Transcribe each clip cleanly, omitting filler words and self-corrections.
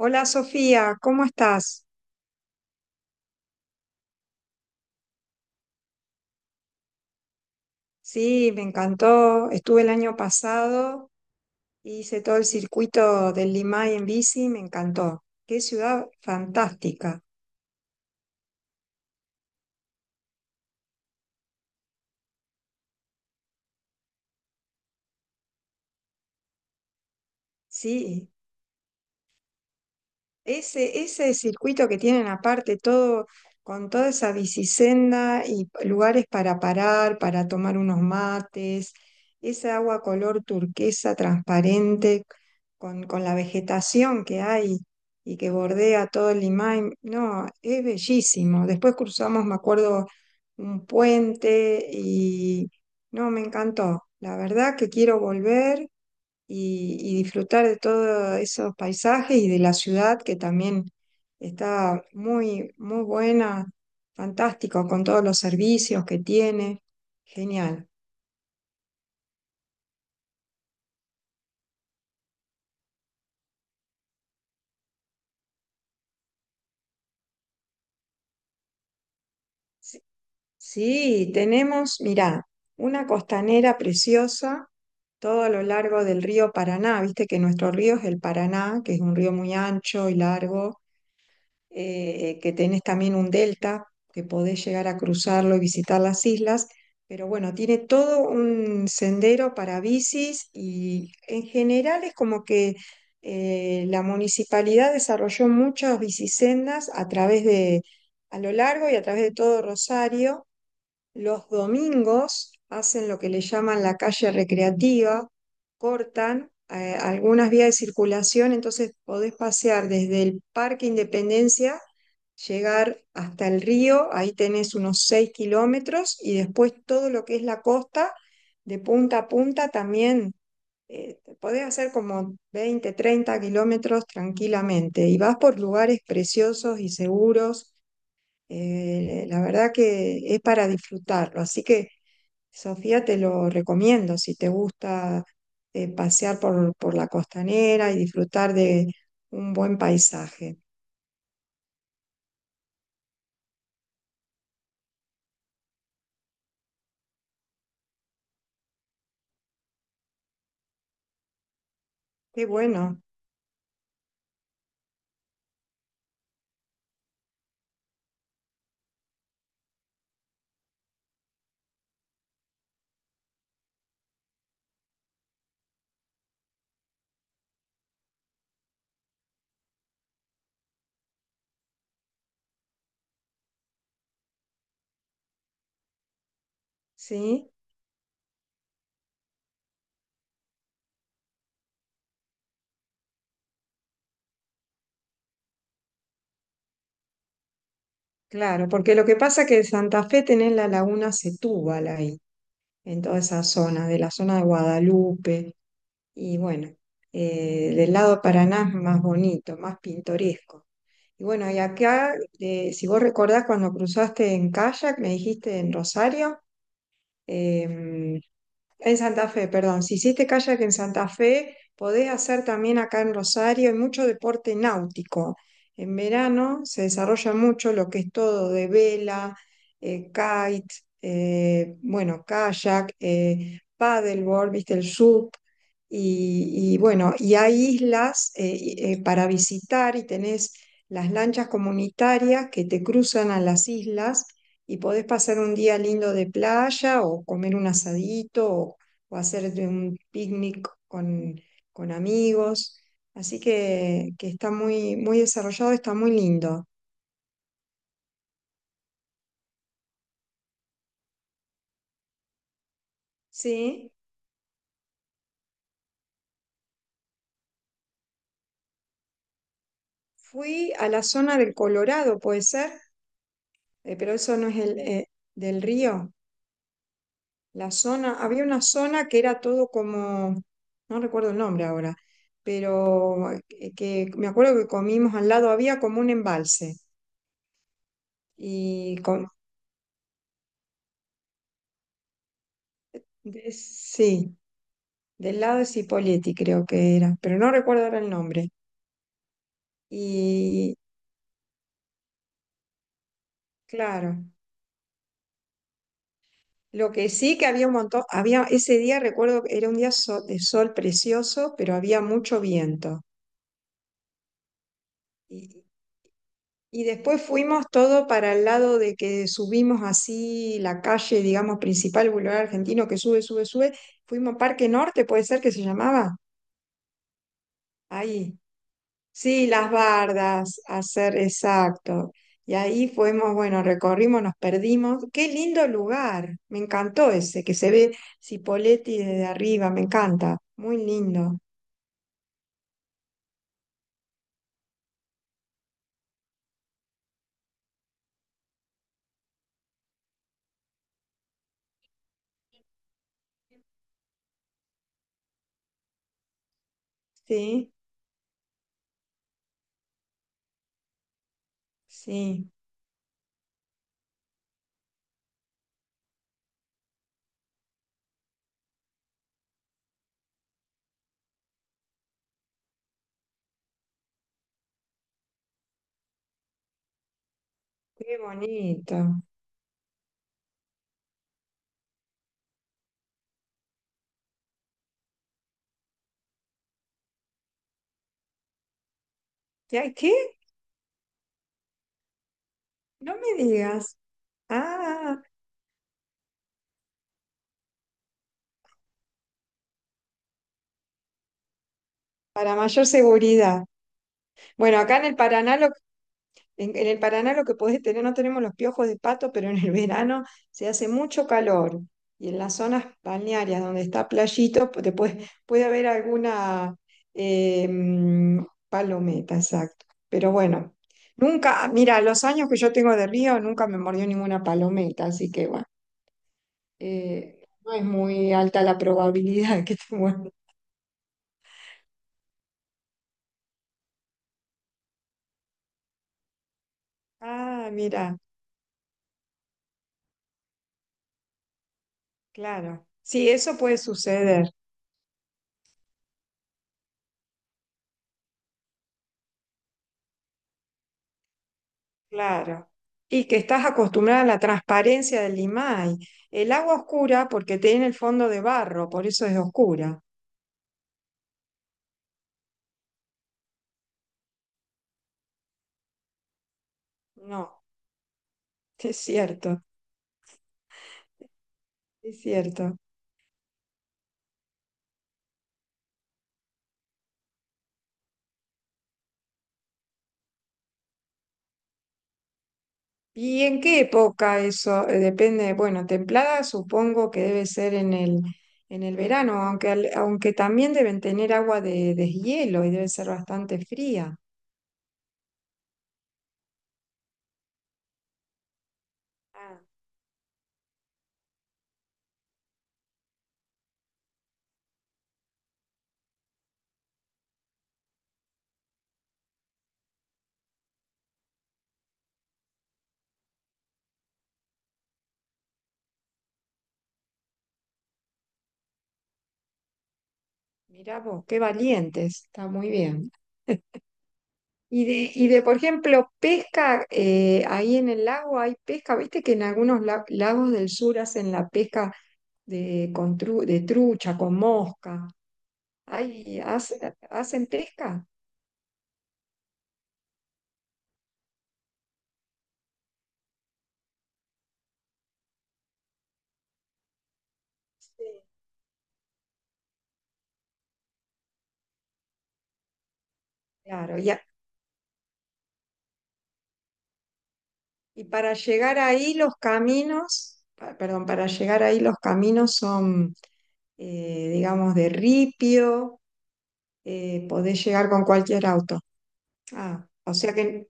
Hola Sofía, ¿cómo estás? Sí, me encantó. Estuve el año pasado, hice todo el circuito del Limay en bici, me encantó. Qué ciudad fantástica. Sí. Ese circuito que tienen aparte, todo, con toda esa bicisenda y lugares para parar, para tomar unos mates, esa agua color turquesa transparente, con la vegetación que hay y que bordea todo el Limay, no, es bellísimo. Después cruzamos, me acuerdo, un puente, no, me encantó. La verdad que quiero volver y disfrutar de todos esos paisajes y de la ciudad que también está muy, muy buena, fantástico, con todos los servicios que tiene. Genial. Sí, sí, tenemos, mirá, una costanera preciosa todo a lo largo del río Paraná. Viste que nuestro río es el Paraná, que es un río muy ancho y largo, que tenés también un delta, que podés llegar a cruzarlo y visitar las islas, pero bueno, tiene todo un sendero para bicis y en general es como que, la municipalidad desarrolló muchas bicisendas a través de, a lo largo y a través de todo Rosario. Los domingos hacen lo que le llaman la calle recreativa, cortan, algunas vías de circulación, entonces podés pasear desde el Parque Independencia, llegar hasta el río, ahí tenés unos 6 kilómetros, y después todo lo que es la costa, de punta a punta también. Podés hacer como 20, 30 kilómetros tranquilamente y vas por lugares preciosos y seguros. La verdad que es para disfrutarlo. Así que, Sofía, te lo recomiendo si te gusta, pasear por, la costanera y disfrutar de un buen paisaje. Qué bueno, sí, claro, porque lo que pasa es que en Santa Fe tenés la laguna Setúbal ahí, en toda esa zona, de la zona de Guadalupe, y bueno, del lado de Paraná es más bonito, más pintoresco. Y bueno, y acá, si vos recordás cuando cruzaste en kayak, me dijiste en Rosario, em, en Santa Fe, perdón. Si hiciste kayak en Santa Fe, podés hacer también acá en Rosario. Hay mucho deporte náutico. En verano se desarrolla mucho lo que es todo de vela, kite, bueno, kayak, paddleboard, viste, el SUP. Y bueno, y hay islas para visitar y tenés las lanchas comunitarias que te cruzan a las islas y podés pasar un día lindo de playa o comer un asadito, o hacer un picnic con amigos. Así que está muy, muy desarrollado, está muy lindo. Sí, fui a la zona del Colorado, puede ser. Pero eso no es el, del río. La zona, había una zona que era todo como, no recuerdo el nombre ahora, pero, que me acuerdo que comimos al lado, había como un embalse y sí, del lado de Cipolletti creo que era, pero no recuerdo ahora el nombre. Y claro, lo que sí, que había un montón, había ese día, recuerdo que era un día de sol precioso, pero había mucho viento. Y, y después fuimos todo para el lado de que subimos así la calle, digamos, principal, Boulevard Argentino, que sube, sube, sube. Fuimos Parque Norte, puede ser que se llamaba, ahí. Sí, las bardas, hacer, exacto. Y ahí fuimos, bueno, recorrimos, nos perdimos. Qué lindo lugar, me encantó ese, que se ve Cipolletti desde arriba, me encanta, muy lindo. Sí, sí, qué bonito. ¿Y hay qué? No me digas. Ah, para mayor seguridad. Bueno, acá en el Paraná, en el Paraná lo que podés tener, no tenemos los piojos de pato, pero en el verano se hace mucho calor. Y en las zonas balnearias donde está playito, te puede haber alguna, palometa, exacto. Pero bueno, nunca, mira, los años que yo tengo de río nunca me mordió ninguna palometa, así que bueno, eh, no es muy alta la probabilidad que te muerda. Ah, mira, claro. Sí, eso puede suceder. Claro. Y que estás acostumbrada a la transparencia del limay. El agua oscura porque tiene el fondo de barro, por eso es oscura. No, es cierto, es cierto. ¿Y en qué época eso? Depende, bueno, templada supongo que debe ser en el verano, aunque, aunque también deben tener agua de deshielo y debe ser bastante fría. Ah, mirá vos, qué valientes, está muy bien. Por ejemplo, pesca, ahí en el lago hay pesca, viste que en algunos lagos del sur hacen la pesca de trucha, con mosca. Ahí hacen pesca. Sí. Claro, ya. Y para llegar ahí los caminos, perdón, para llegar ahí los caminos son, digamos, de ripio, podés llegar con cualquier auto. Ah, o sea que,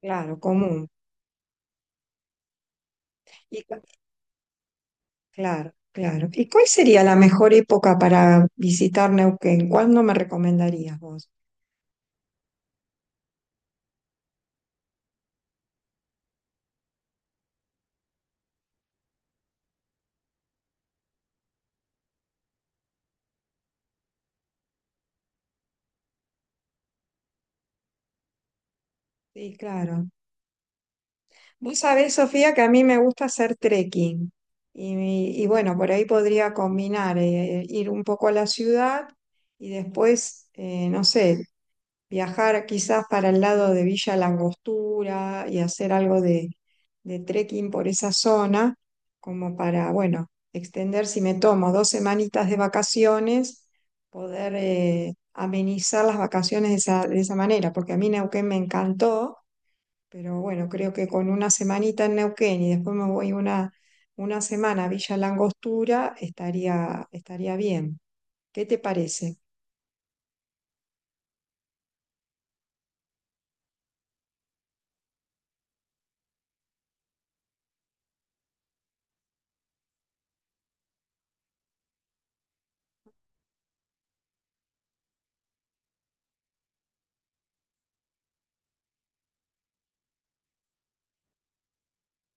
claro, común. Y, cu- Claro, claro. ¿Y cuál sería la mejor época para visitar Neuquén? ¿Cuándo me recomendarías vos? Sí, claro. Vos sabés, Sofía, que a mí me gusta hacer trekking. Y bueno, por ahí podría combinar, ir un poco a la ciudad y después, no sé, viajar quizás para el lado de Villa Langostura y hacer algo de trekking por esa zona, como para, bueno, extender, si me tomo 2 semanitas de vacaciones, poder, amenizar las vacaciones de esa manera, porque a mí Neuquén me encantó, pero bueno, creo que con una semanita en Neuquén y después me voy una semana a Villa Langostura, estaría bien. ¿Qué te parece?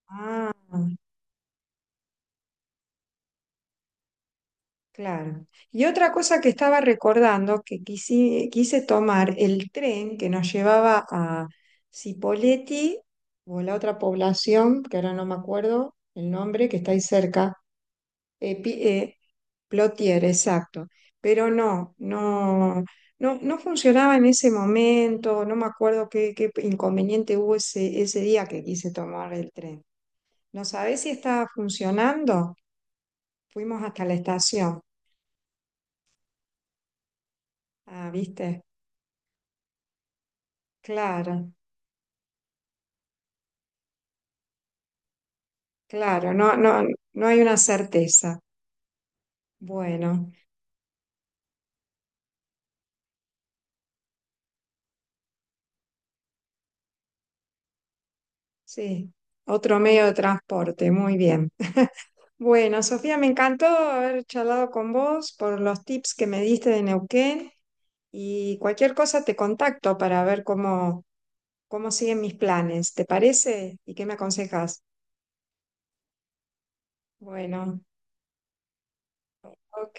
Ah. Claro. Y otra cosa que estaba recordando, que quise tomar el tren que nos llevaba a Cipolletti o la otra población, que ahora no me acuerdo el nombre, que está ahí cerca, eh, Pi- eh, Plotier, exacto. Pero no, no, no, no funcionaba en ese momento, no me acuerdo qué inconveniente hubo ese día que quise tomar el tren. ¿No sabés si estaba funcionando? Fuimos hasta la estación. Ah, ¿viste? Claro, claro, no, no, no hay una certeza. Bueno, sí, otro medio de transporte, muy bien. Bueno, Sofía, me encantó haber charlado con vos por los tips que me diste de Neuquén y cualquier cosa te contacto para ver cómo siguen mis planes, ¿te parece? ¿Y qué me aconsejas? Bueno, ok.